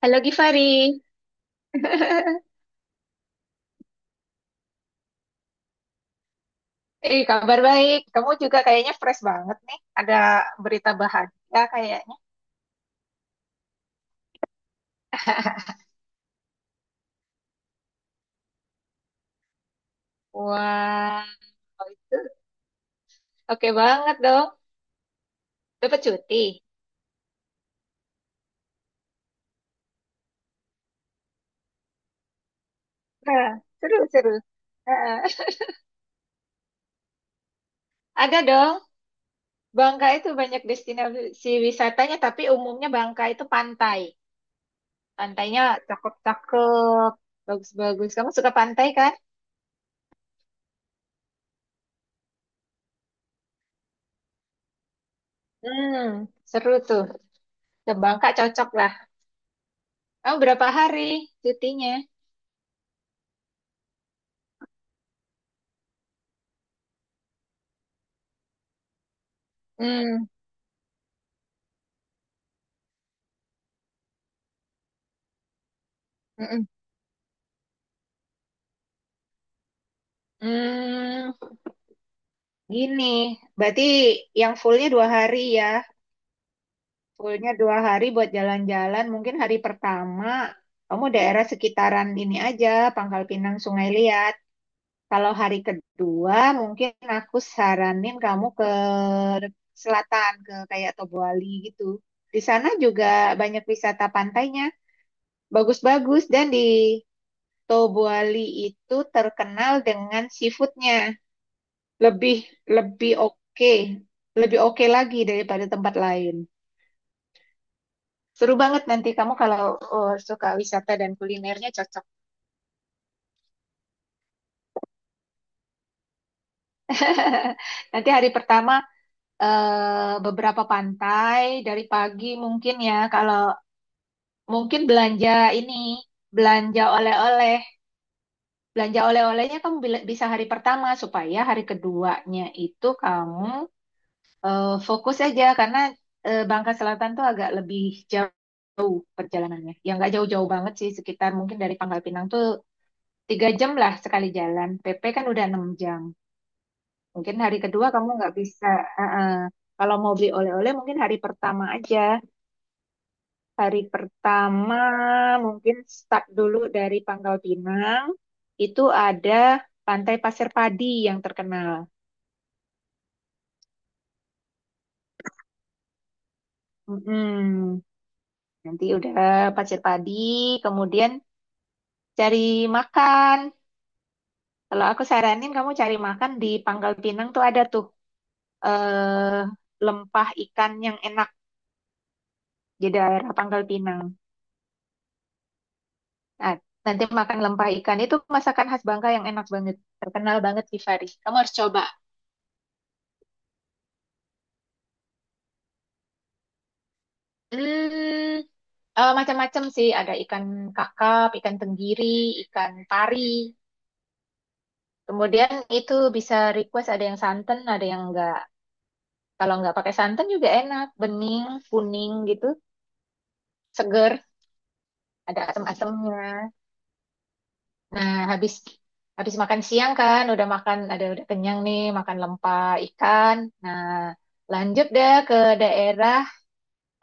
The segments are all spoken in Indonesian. Halo Gifari, kabar baik. Kamu juga kayaknya fresh banget nih. Ada berita bahagia kayaknya. Wah, itu oke banget dong. Dapat cuti. Nah, seru seru. Heeh. Ada dong. Bangka itu banyak destinasi wisatanya, tapi umumnya Bangka itu pantai. Pantainya cakep-cakep, bagus-bagus. Kamu suka pantai kan? Hmm, Seru tuh. Ke Bangka cocok lah. Kamu berapa hari cutinya? Hmm. Mm-mm. Hmm, Gini, berarti yang fullnya 2 hari. Fullnya 2 hari jalan-jalan. Mungkin hari pertama kamu daerah sekitaran ini aja, Pangkal Pinang, Sungai Liat. Kalau hari kedua, mungkin aku saranin kamu ke selatan, ke kayak Tobuali gitu. Di sana juga banyak wisata pantainya, bagus-bagus. Dan di Tobuali itu terkenal dengan seafoodnya. Lebih lebih oke, lebih oke lagi daripada tempat lain. Seru banget nanti kamu kalau suka wisata dan kulinernya cocok. Nanti hari pertama beberapa pantai dari pagi mungkin ya. Kalau mungkin ini belanja oleh-oleh belanja oleh-olehnya kamu bisa hari pertama, supaya hari keduanya itu kamu fokus aja, karena Bangka Selatan tuh agak lebih jauh jauh perjalanannya. Ya nggak jauh-jauh banget sih, sekitar mungkin dari Pangkal Pinang tuh 3 jam lah sekali jalan. PP kan udah 6 jam. Mungkin hari kedua kamu nggak bisa. eh, eh. Kalau mau beli oleh-oleh mungkin hari pertama aja. Hari pertama mungkin start dulu dari Pangkal Pinang. Itu ada Pantai Pasir Padi yang terkenal. Mm-mm. Nanti udah Pasir Padi, kemudian cari makan. Kalau aku saranin kamu cari makan di Pangkal Pinang tuh ada tuh eh, lempah ikan yang enak di daerah Pangkal Pinang. Nah, nanti makan lempah ikan itu masakan khas Bangka yang enak banget, terkenal banget di Faris. Kamu harus coba. Hmm, Macam-macam sih, ada ikan kakap, ikan tenggiri, ikan pari. Kemudian itu bisa request ada yang santan, ada yang enggak. Kalau enggak pakai santan juga enak, bening, kuning gitu, seger, ada asam-asamnya. Nah, habis habis makan siang kan, udah makan ada udah kenyang nih, makan lempah ikan. Nah, lanjut deh ke daerah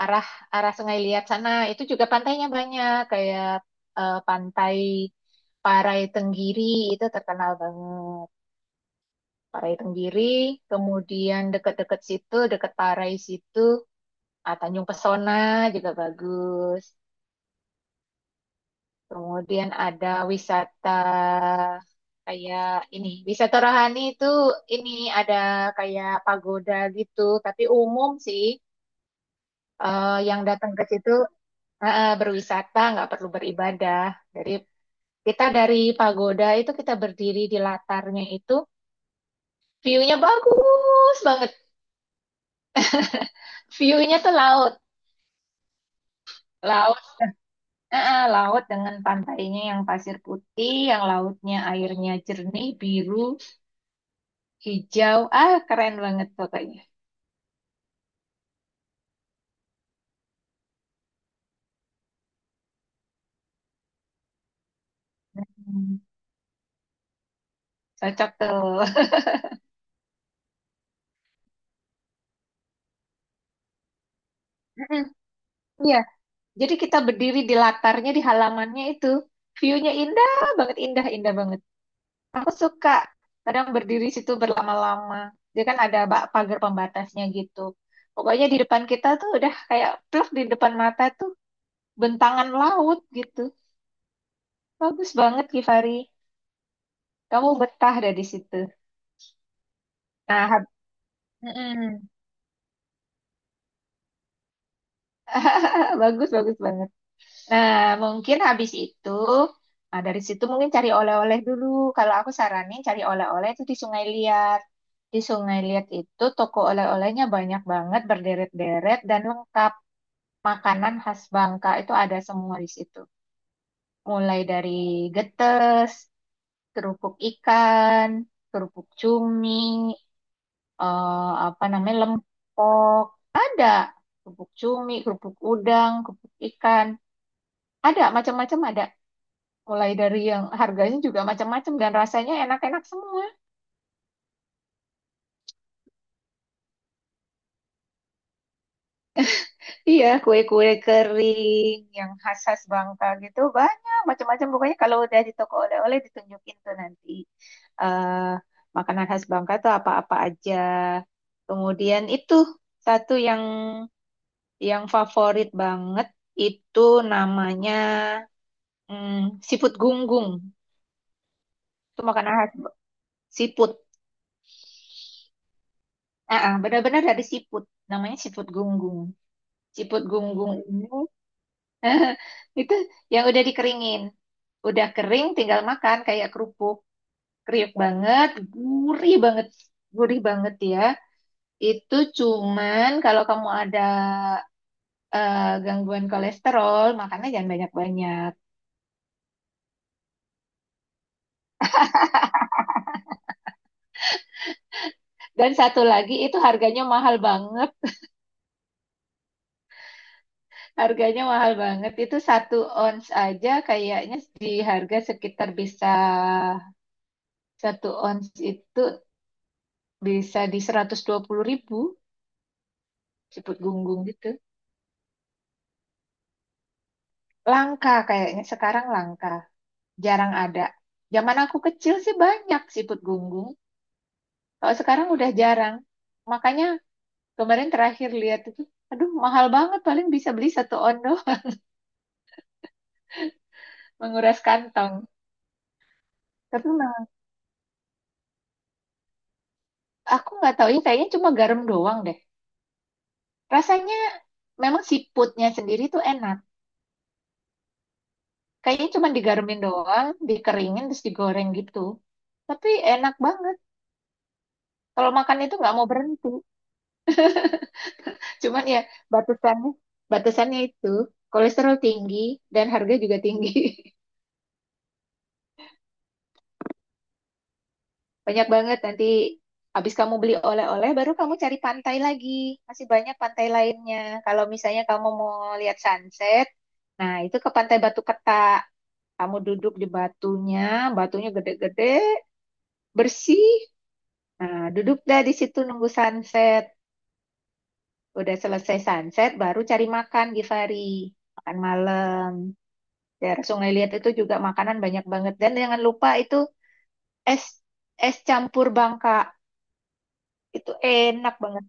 arah arah Sungai Liat sana. Itu juga pantainya banyak kayak pantai Parai Tenggiri itu terkenal banget. Parai Tenggiri, kemudian deket-deket situ, deket Parai situ, Tanjung Pesona juga bagus. Kemudian ada wisata kayak ini, wisata rohani itu ini ada kayak pagoda gitu, tapi umum sih. Yang datang ke situ berwisata nggak perlu beribadah. Dari dari pagoda itu kita berdiri di latarnya, itu view-nya bagus banget, view-nya tuh laut. Laut, laut dengan pantainya yang pasir putih, yang lautnya airnya jernih, biru, hijau. Ah, keren banget pokoknya. Hmm, Cocok tuh. Mm-mm, iya. Jadi kita berdiri di latarnya, di halamannya itu. View-nya indah banget, indah, indah banget. Aku suka. Kadang berdiri situ berlama-lama. Dia kan ada pagar pembatasnya gitu. Pokoknya di depan kita tuh udah kayak pluk di depan mata tuh bentangan laut gitu. Bagus banget, Kifari. Kamu betah deh di situ. Nah, hab- Mm-mm. Bagus, bagus banget. Nah, mungkin habis itu, nah, dari situ mungkin cari oleh-oleh dulu. Kalau aku saranin cari oleh-oleh itu di Sungai Liat. Di Sungai Liat itu toko oleh-olehnya banyak banget, berderet-deret dan lengkap. Makanan khas Bangka itu ada semua di situ. Mulai dari getes, kerupuk ikan, kerupuk cumi, apa namanya lempok. Ada kerupuk cumi, kerupuk udang, kerupuk ikan. Ada macam-macam ada. Mulai dari yang harganya juga macam-macam dan rasanya enak-enak semua. Iya, kue-kue kering yang khas-khas Bangka gitu banyak macam-macam. Pokoknya kalau udah di toko oleh-oleh ditunjukin tuh nanti eh makanan khas Bangka tuh apa-apa aja. Kemudian itu satu yang favorit banget itu namanya, siput gunggung. Itu makanan khas siput. Ah, ah, benar-benar dari siput. Namanya siput gunggung. Siput gunggung ini itu yang udah dikeringin. Udah kering tinggal makan kayak kerupuk. Kriuk banget, gurih banget. Gurih banget ya. Itu cuman kalau kamu ada eh, gangguan kolesterol, makannya jangan banyak-banyak. Dan satu lagi itu harganya mahal banget. Harganya mahal banget. Itu 1 ons aja kayaknya di harga sekitar bisa, 1 ons itu bisa di 120.000. Siput gunggung gitu. Langka, kayaknya sekarang langka, jarang ada. Zaman aku kecil sih banyak siput gunggung, kalau sekarang udah jarang. Makanya kemarin terakhir lihat itu, aduh mahal banget, paling bisa beli satu ondo. Menguras kantong. Tapi memang aku nggak tahu ya, kayaknya cuma garam doang deh. Rasanya memang siputnya sendiri tuh enak. Kayaknya cuma digaremin doang, dikeringin terus digoreng gitu. Tapi enak banget. Kalau makan itu nggak mau berhenti. Cuman ya batasannya batasannya itu kolesterol tinggi dan harga juga tinggi. Banyak banget nanti. Habis kamu beli oleh-oleh baru kamu cari pantai lagi. Masih banyak pantai lainnya. Kalau misalnya kamu mau lihat sunset, nah itu ke Pantai Batu Ketak. Kamu duduk di batunya, batunya gede-gede, bersih. Nah, duduk dah di situ nunggu sunset. Udah selesai sunset, baru cari makan, Givari. Makan malam. Daerah Sungai Liat itu juga makanan banyak banget. Dan jangan lupa itu es es campur Bangka. Itu enak banget.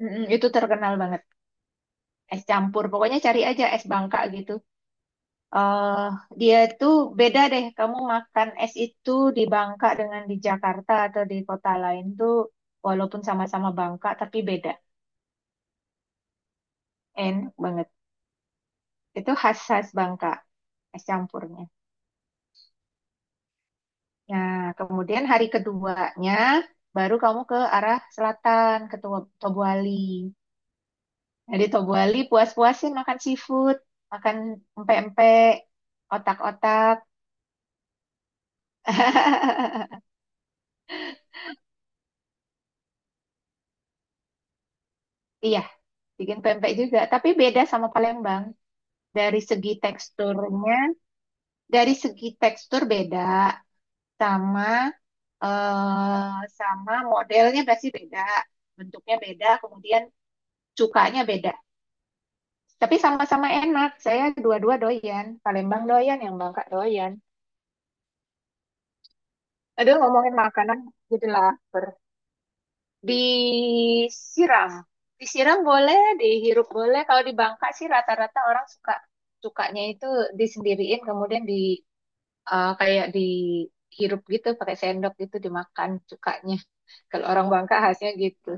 Mm-mm, itu terkenal banget. Es campur. Pokoknya cari aja es Bangka gitu. eh Dia tuh beda deh. Kamu makan es itu di Bangka dengan di Jakarta atau di kota lain tuh walaupun sama-sama Bangka tapi beda. Enak banget. Itu khas-khas Bangka es campurnya. Nah, kemudian hari keduanya baru kamu ke arah selatan, ke Tobuali. Nah, di Tobuali puas-puasin makan seafood, makan empek-empek, otak-otak. Iya, bikin pempek juga, tapi beda sama Palembang. Dari segi teksturnya, dari segi tekstur beda, sama sama modelnya pasti beda, bentuknya beda, kemudian cukanya beda. Tapi sama-sama enak. Saya dua-dua doyan. Palembang doyan, yang Bangka doyan. Aduh, ngomongin makanan jadi lapar. Disiram. Disiram boleh, dihirup boleh. Kalau di Bangka sih rata-rata orang sukanya itu disendiriin kemudian kayak dihirup gitu pakai sendok gitu dimakan sukanya. Kalau orang Bangka khasnya gitu.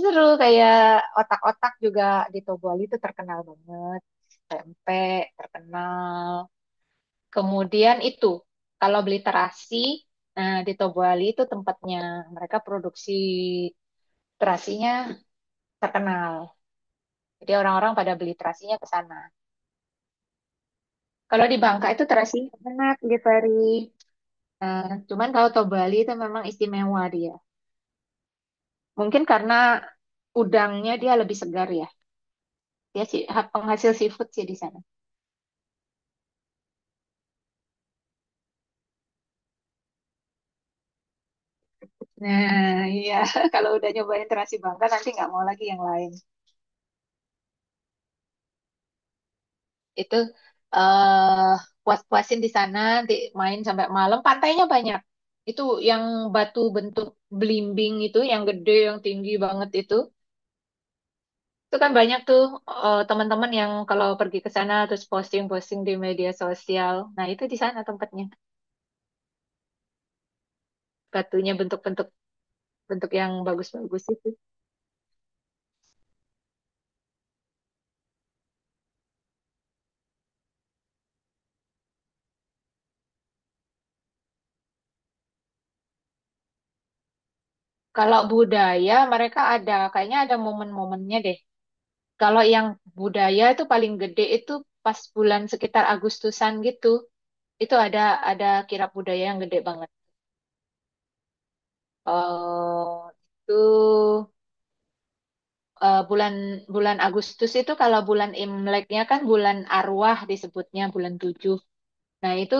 Seru. Kayak otak-otak juga di Toboli itu terkenal banget. Tempe terkenal. Kemudian itu, kalau beli terasi, nah di Tobuali itu tempatnya mereka produksi terasinya terkenal. Jadi orang-orang pada beli terasinya ke sana. Kalau di Bangka itu terasinya enak di Ferry. Cuman kalau Tobuali itu memang istimewa dia. Mungkin karena udangnya dia lebih segar ya. Dia sih penghasil seafood sih di sana. Nah, iya. Kalau udah nyobain terasi Bangka nanti nggak mau lagi yang lain. Itu, eh puas-puasin di sana nanti main sampai malam. Pantainya banyak, itu yang batu bentuk belimbing itu, yang gede, yang tinggi banget itu kan banyak tuh. Teman-teman yang kalau pergi ke sana terus posting-posting di media sosial, nah itu di sana tempatnya. Batunya bentuk-bentuk yang bagus-bagus itu. Kalau budaya mereka ada, kayaknya ada momen-momennya deh. Kalau yang budaya itu paling gede itu pas bulan sekitar Agustusan gitu. Itu ada kirab budaya yang gede banget. Eh itu bulan bulan Agustus itu, kalau bulan Imleknya kan bulan arwah, disebutnya bulan tujuh. Nah, itu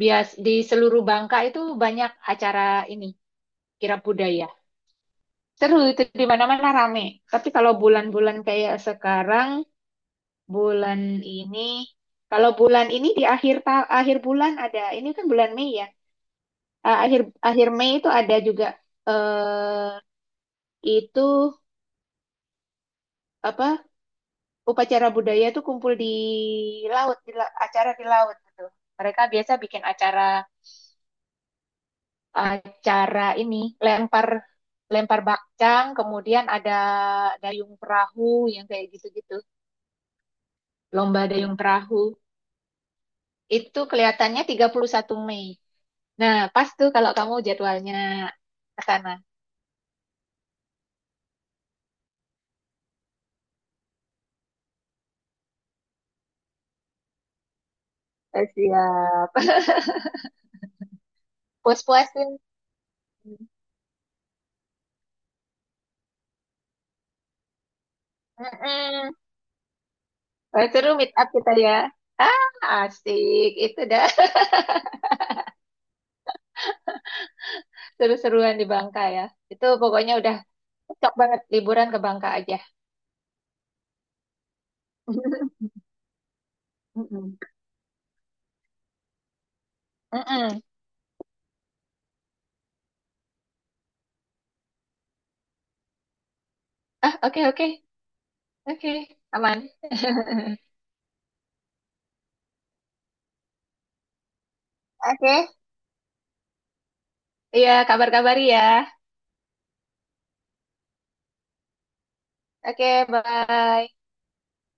bias di seluruh Bangka itu banyak acara ini kirab budaya. Seru itu, di mana-mana rame. Tapi kalau bulan-bulan kayak sekarang, bulan ini, di akhir akhir bulan, ada ini kan bulan Mei ya. Akhir akhir Mei itu ada juga eh itu apa upacara budaya itu kumpul di laut, acara di laut gitu. Mereka biasa bikin acara acara ini lempar, lempar bakcang, kemudian ada dayung perahu yang kayak gitu-gitu, lomba dayung perahu. Itu kelihatannya 31 Mei, nah pas tuh kalau kamu jadwalnya ke sana. Siap. Puas-puasin. Mm-mm. Wah, seru meet up kita ya. ah Asik itu dah. Seru-seruan di Bangka ya. Itu pokoknya udah cocok banget liburan ke Bangka aja. Mm-mm. Mm-mm. Ah, oke oke. Oke, aman. Oke. Iya, kabar-kabari ya. Oke, bye.